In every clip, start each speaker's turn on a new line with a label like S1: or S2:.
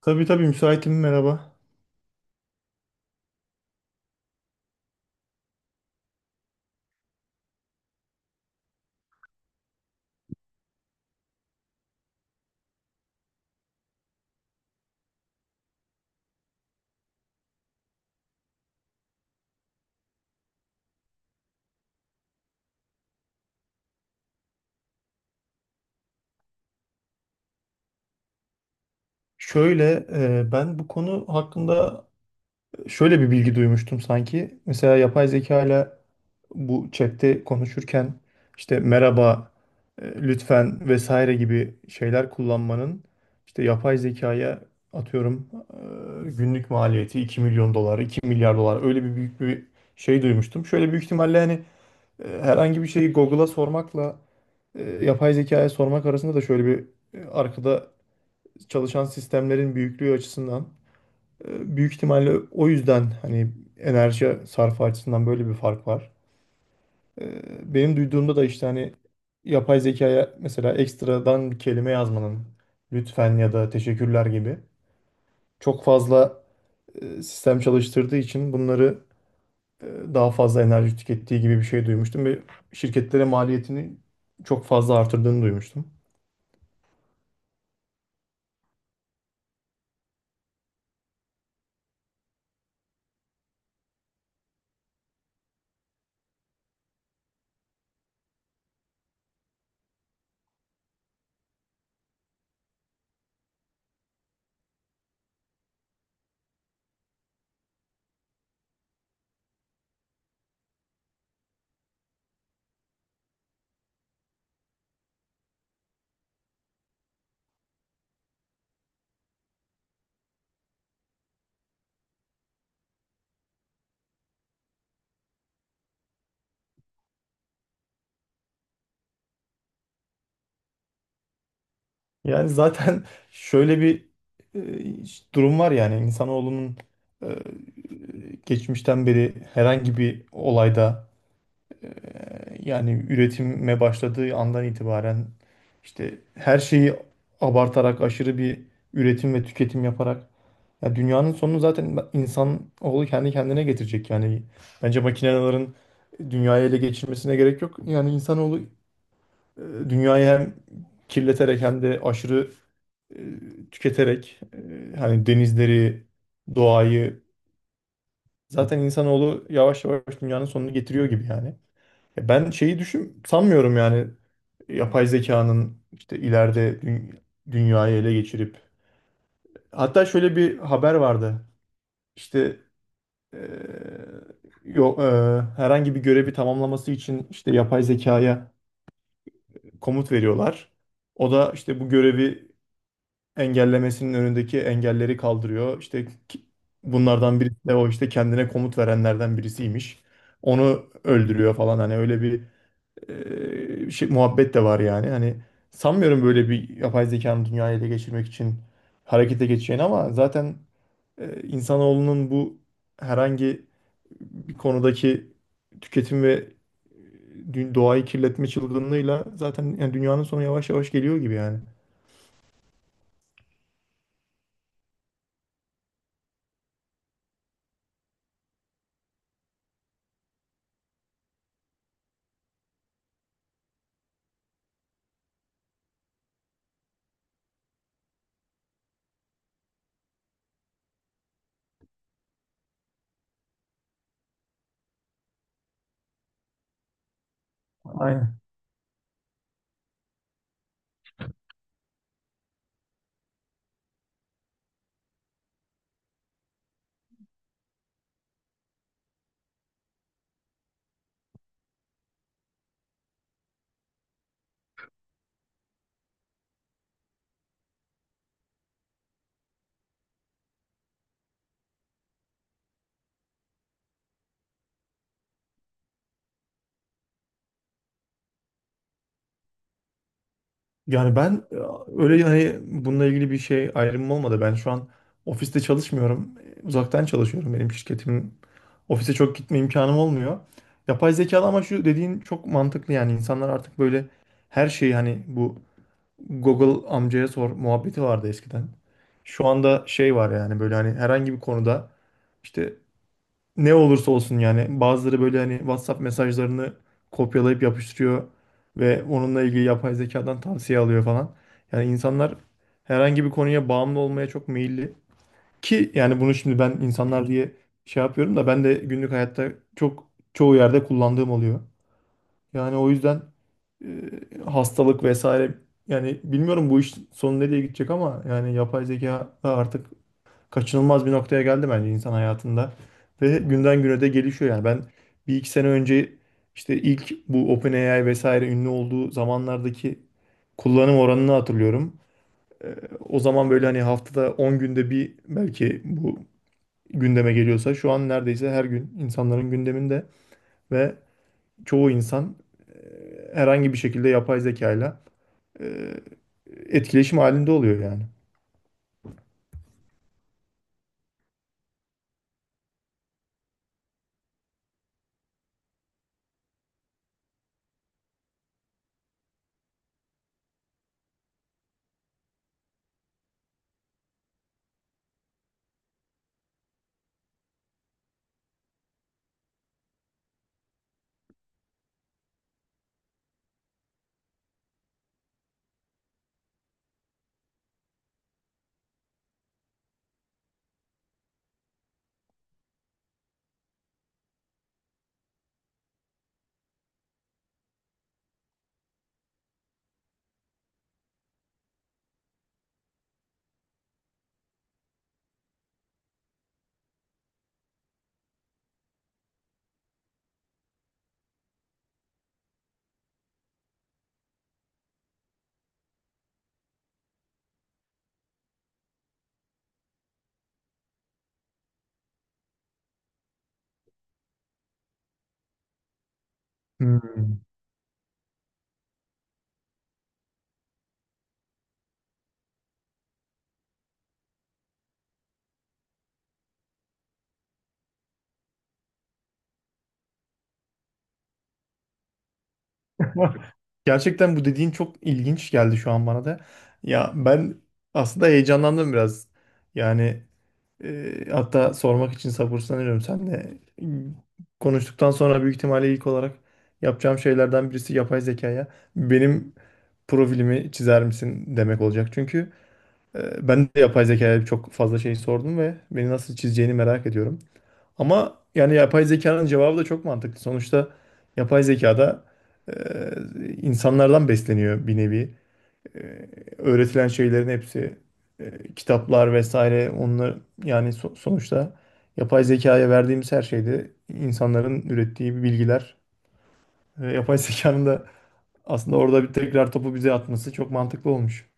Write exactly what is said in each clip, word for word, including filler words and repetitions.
S1: Tabii tabii müsaitim, merhaba. Şöyle e, ben bu konu hakkında şöyle bir bilgi duymuştum sanki. Mesela yapay zeka ile bu chatte konuşurken işte merhaba, e, lütfen vesaire gibi şeyler kullanmanın işte yapay zekaya atıyorum e, günlük maliyeti iki milyon dolar, iki milyar dolar, öyle bir büyük bir şey duymuştum. Şöyle büyük ihtimalle hani e, herhangi bir şeyi Google'a sormakla e, yapay zekaya sormak arasında da şöyle bir e, arkada çalışan sistemlerin büyüklüğü açısından e, büyük ihtimalle o yüzden hani enerji sarfı açısından böyle bir fark var. E, Benim duyduğumda da işte hani yapay zekaya mesela ekstradan bir kelime yazmanın, lütfen ya da teşekkürler gibi, çok fazla e, sistem çalıştırdığı için bunları e, daha fazla enerji tükettiği gibi bir şey duymuştum ve şirketlere maliyetini çok fazla artırdığını duymuştum. Yani zaten şöyle bir e, durum var, yani insanoğlunun e, geçmişten beri herhangi bir olayda, e, yani üretime başladığı andan itibaren işte her şeyi abartarak, aşırı bir üretim ve tüketim yaparak ya dünyanın sonunu zaten insanoğlu kendi kendine getirecek yani. Bence makinelerin dünyayı ele geçirmesine gerek yok. Yani insanoğlu E, Dünyayı hem kirleterek hem de aşırı e, tüketerek, e, hani denizleri, doğayı, zaten insanoğlu yavaş yavaş dünyanın sonunu getiriyor gibi yani. Ya ben şeyi düşün sanmıyorum, yani yapay zekanın işte ileride dü- dünyayı ele geçirip. Hatta şöyle bir haber vardı. İşte yok, herhangi bir görevi tamamlaması için işte yapay zekaya komut veriyorlar. O da işte bu görevi engellemesinin önündeki engelleri kaldırıyor. İşte ki- bunlardan birisi de o işte kendine komut verenlerden birisiymiş. Onu öldürüyor falan, hani öyle bir e, şey, muhabbet de var yani. Hani sanmıyorum böyle bir yapay zekanın dünyayı ele geçirmek için harekete geçeceğini, ama zaten e, insanoğlunun bu herhangi bir konudaki tüketim ve dü- doğayı kirletme çılgınlığıyla zaten yani dünyanın sonu yavaş yavaş geliyor gibi yani. Aynen. Yani ben e, öyle hani bununla ilgili bir şey ayrımım olmadı. Ben şu an ofiste çalışmıyorum. E, Uzaktan çalışıyorum. Benim şirketim, ofise çok gitme imkanım olmuyor. Yapay zekalı, ama şu dediğin çok mantıklı, yani insanlar artık böyle her şeyi hani bu Google amcaya sor muhabbeti vardı eskiden. Şu anda şey var yani, böyle hani herhangi bir konuda işte ne olursa olsun, yani bazıları böyle hani WhatsApp mesajlarını kopyalayıp yapıştırıyor ve onunla ilgili yapay zekadan tavsiye alıyor falan. Yani insanlar herhangi bir konuya bağımlı olmaya çok meyilli. Ki yani bunu şimdi ben insanlar diye şey yapıyorum da, ben de günlük hayatta çok çoğu yerde kullandığım oluyor. Yani o yüzden e, hastalık vesaire, yani bilmiyorum bu iş sonu nereye gidecek, ama yani yapay zeka da artık kaçınılmaz bir noktaya geldi bence insan hayatında. Ve günden güne de gelişiyor yani. Ben bir iki sene önce işte ilk bu OpenAI vesaire ünlü olduğu zamanlardaki kullanım oranını hatırlıyorum. Ee, o zaman böyle hani haftada on günde bir belki bu gündeme geliyorsa, şu an neredeyse her gün insanların gündeminde ve çoğu insan herhangi bir şekilde yapay zekayla e, etkileşim halinde oluyor yani. Hmm. Gerçekten bu dediğin çok ilginç geldi şu an bana da. Ya ben aslında heyecanlandım biraz. Yani e, hatta sormak için sabırsızlanıyorum. Sen de konuştuktan sonra büyük ihtimalle ilk olarak yapacağım şeylerden birisi yapay zekaya benim profilimi çizer misin demek olacak. Çünkü e, ben de yapay zekaya çok fazla şey sordum ve beni nasıl çizeceğini merak ediyorum. Ama yani yapay zekanın cevabı da çok mantıklı. Sonuçta yapay zekada e, insanlardan besleniyor bir nevi. E, öğretilen şeylerin hepsi e, kitaplar vesaire onlar, yani so- sonuçta yapay zekaya verdiğimiz her şeyde insanların ürettiği bilgiler ve yapay zekanın da aslında orada bir tekrar topu bize atması çok mantıklı olmuş.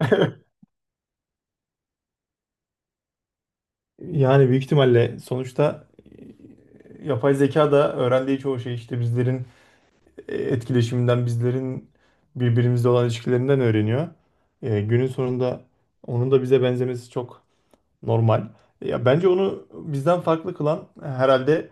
S1: Yani büyük ihtimalle sonuçta e, yapay zeka da öğrendiği çoğu şey işte bizlerin e, etkileşiminden, bizlerin birbirimizle olan ilişkilerinden öğreniyor. E, günün sonunda onun da bize benzemesi çok normal. Ya bence onu bizden farklı kılan e, herhalde,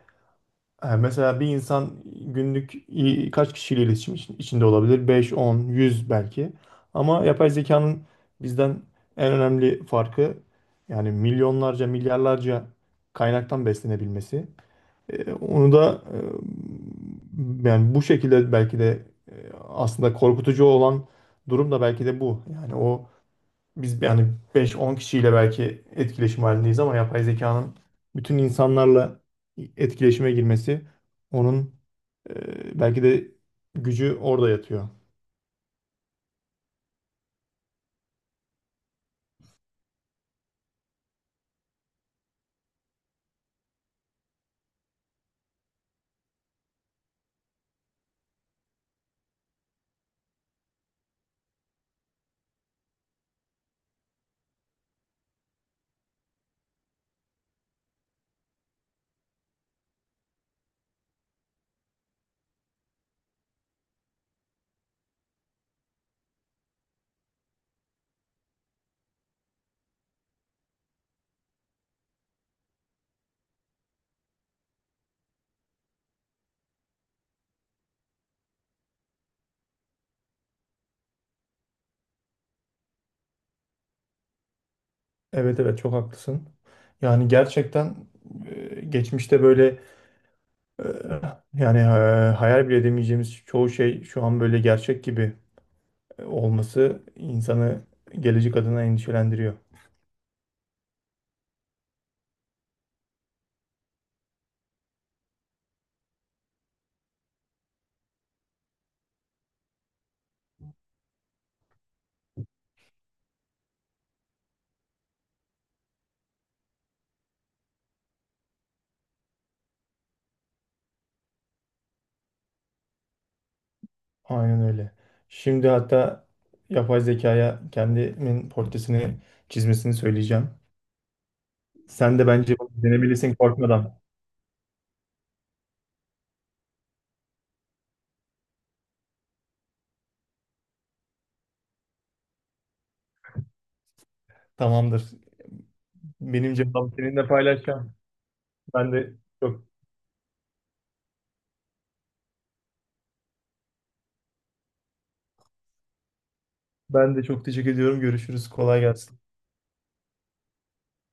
S1: e, mesela bir insan günlük i- kaç kişiyle iletişim için- içinde olabilir? Beş on yüz belki. Ama yapay zekanın bizden en önemli farkı yani milyonlarca, milyarlarca kaynaktan beslenebilmesi. E, onu da e, yani bu şekilde belki de e, aslında korkutucu olan durum da belki de bu. Yani o, biz yani beş on kişiyle belki etkileşim halindeyiz, ama yapay zekanın bütün insanlarla etkileşime girmesi, onun e, belki de gücü orada yatıyor. Evet evet, çok haklısın. Yani gerçekten e, geçmişte böyle, e, yani, e, hayal bile edemeyeceğimiz çoğu şey şu an böyle gerçek gibi olması insanı gelecek adına endişelendiriyor. Aynen öyle. Şimdi hatta yapay zekaya kendimin portresini çizmesini söyleyeceğim. Sen de bence bunu denebilirsin korkmadan. Tamamdır. Benim cevabımı seninle paylaşacağım. Ben de çok ben de çok teşekkür ediyorum. Görüşürüz. Kolay gelsin.